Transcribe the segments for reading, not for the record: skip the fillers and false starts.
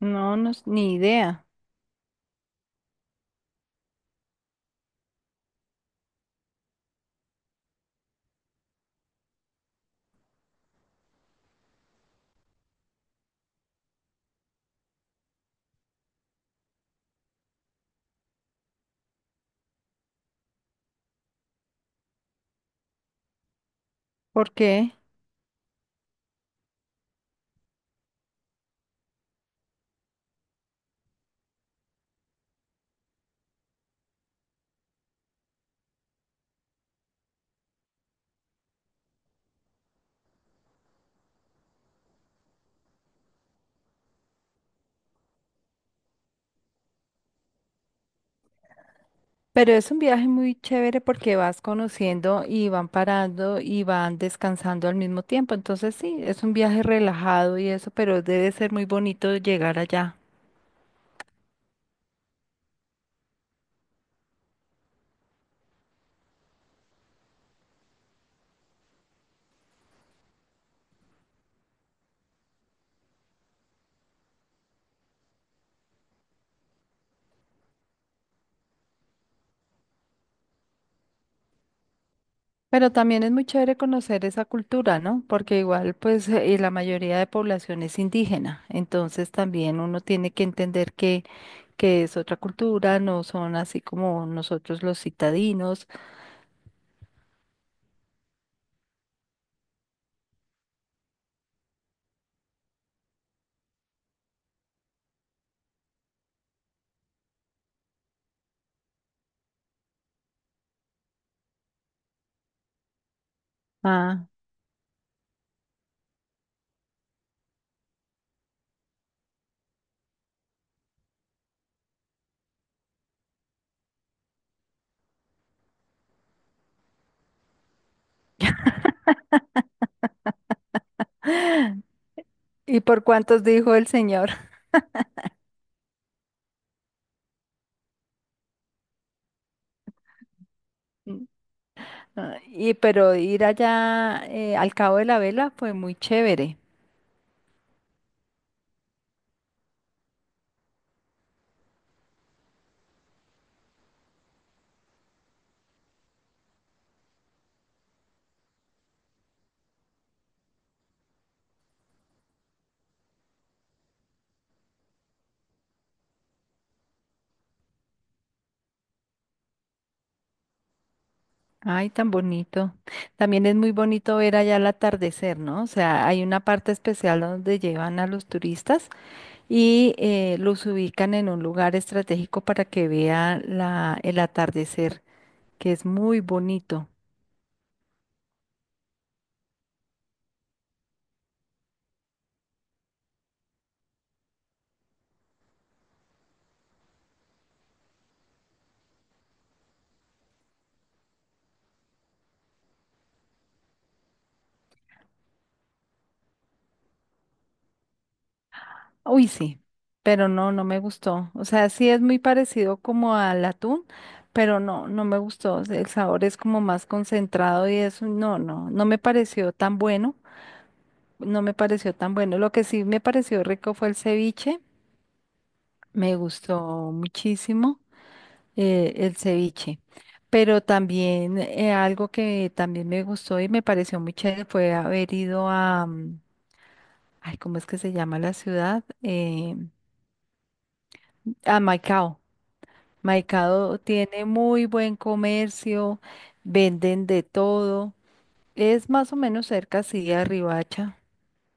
No, no, s- ni idea. ¿Por qué? Pero es un viaje muy chévere porque vas conociendo y van parando y van descansando al mismo tiempo. Entonces sí, es un viaje relajado y eso, pero debe ser muy bonito llegar allá. Pero también es muy chévere conocer esa cultura, ¿no? Porque igual pues la mayoría de población es indígena. Entonces también uno tiene que entender que es otra cultura, no son así como nosotros los citadinos. Ah, ¿Y por cuántos dijo el señor? Ah, y pero ir allá al Cabo de la Vela fue muy chévere. Ay, tan bonito. También es muy bonito ver allá el atardecer, ¿no? O sea, hay una parte especial donde llevan a los turistas y los ubican en un lugar estratégico para que vean el atardecer, que es muy bonito. Uy, sí, pero no, no me gustó. O sea, sí es muy parecido como al atún, pero no, no me gustó. O sea, el sabor es como más concentrado y eso, no, no, no me pareció tan bueno. No me pareció tan bueno. Lo que sí me pareció rico fue el ceviche. Me gustó muchísimo el ceviche. Pero también algo que también me gustó y me pareció muy chévere fue haber ido a, ay, ¿cómo es que se llama la ciudad? A Maicao. Maicado tiene muy buen comercio, venden de todo. Es más o menos cerca, sí, a Riohacha,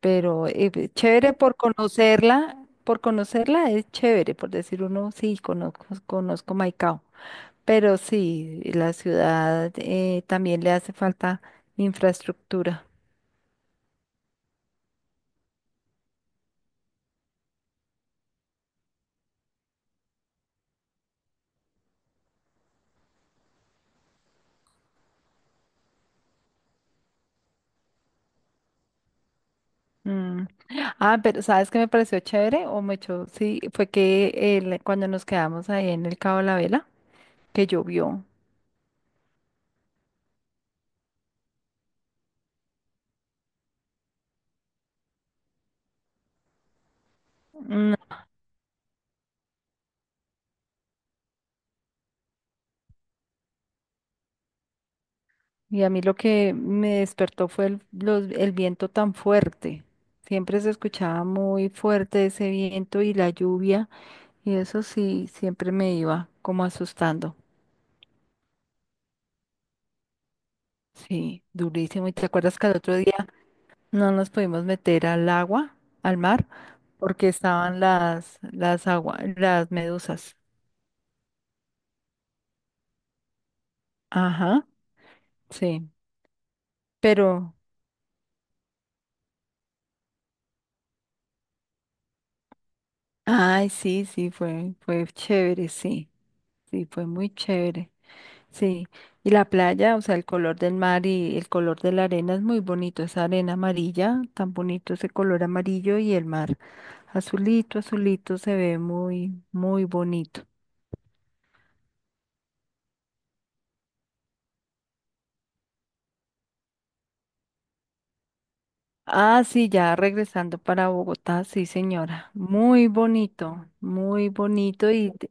pero chévere por conocerla es chévere, por decir uno, sí, conozco Maicao. Pero sí, la ciudad también le hace falta infraestructura. Mm. Ah, pero ¿sabes qué me pareció chévere? O me echó, sí, fue que cuando nos quedamos ahí en el Cabo de la Vela, que llovió. Y a mí lo que me despertó fue el viento tan fuerte. Siempre se escuchaba muy fuerte ese viento y la lluvia. Y eso sí, siempre me iba como asustando. Sí, durísimo. ¿Y te acuerdas que al otro día no nos pudimos meter al agua, al mar, porque estaban las medusas? Ajá, sí. Pero, ay, sí, sí, fue chévere, sí. Sí, fue muy chévere. Sí, y la playa, o sea, el color del mar y el color de la arena es muy bonito, esa arena amarilla, tan bonito ese color amarillo y el mar azulito, azulito, se ve muy, muy bonito. Ah, sí, ya regresando para Bogotá, sí, señora, muy bonito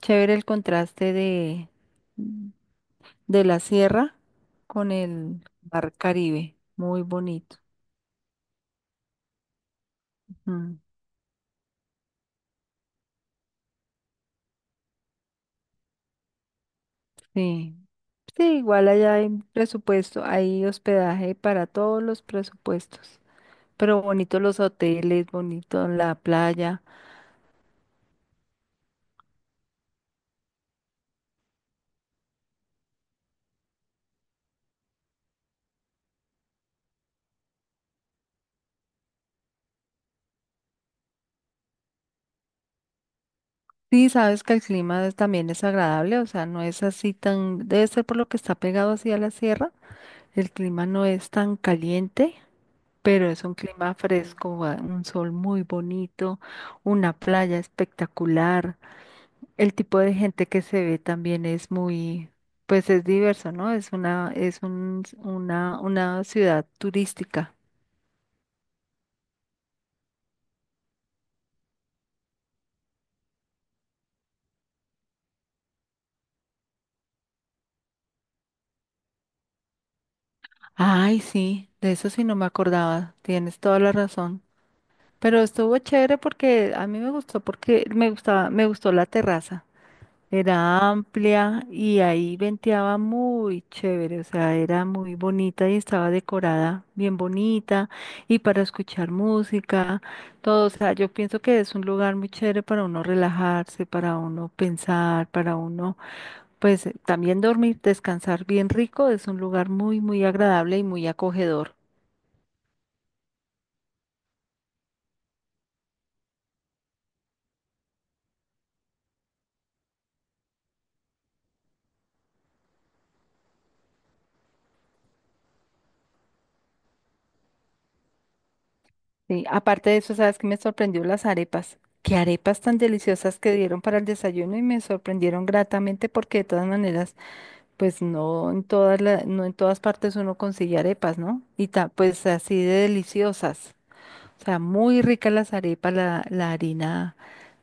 chévere el contraste de la sierra con el mar Caribe, muy bonito. Mm. Sí. Sí, igual allá hay presupuesto, hay hospedaje para todos los presupuestos. Pero bonitos los hoteles, bonito la playa. Sí, sabes que también es agradable, o sea, no es así tan, debe ser por lo que está pegado así a la sierra. El clima no es tan caliente, pero es un clima fresco, ah, un sol muy bonito, una playa espectacular. El tipo de gente que se ve también es muy, pues es diverso, ¿no? Es una, es un, una ciudad turística. Ay, sí, de eso sí no me acordaba. Tienes toda la razón. Pero estuvo chévere porque a mí me gustó porque me gustó la terraza. Era amplia y ahí venteaba muy chévere, o sea, era muy bonita y estaba decorada bien bonita y para escuchar música, todo, o sea, yo pienso que es un lugar muy chévere para uno relajarse, para uno pensar, para uno, pues también dormir, descansar bien rico, es un lugar muy, muy agradable y muy acogedor. Sí, aparte de eso, ¿sabes qué me sorprendió las arepas? Qué arepas tan deliciosas que dieron para el desayuno y me sorprendieron gratamente porque de todas maneras... Pues no en no en todas partes uno consigue arepas, ¿no? Y pues así de deliciosas. O sea, muy ricas las arepas, la harina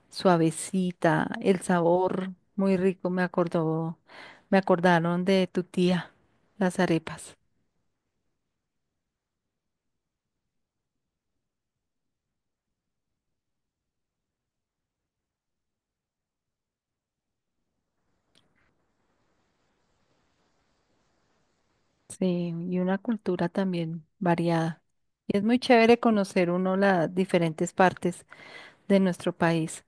suavecita, el sabor muy rico, me acordó, me acordaron de tu tía, las arepas. Sí, y una cultura también variada. Y es muy chévere conocer uno las diferentes partes de nuestro país.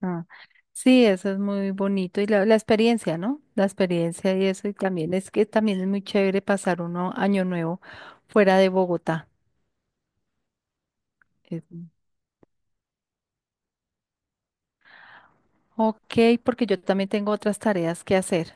Ah, sí, eso es muy bonito. Y la experiencia, ¿no? La experiencia y eso. Y también es que también es muy chévere pasar uno año nuevo fuera de Bogotá. Eh, Ok, porque yo también tengo otras tareas que hacer.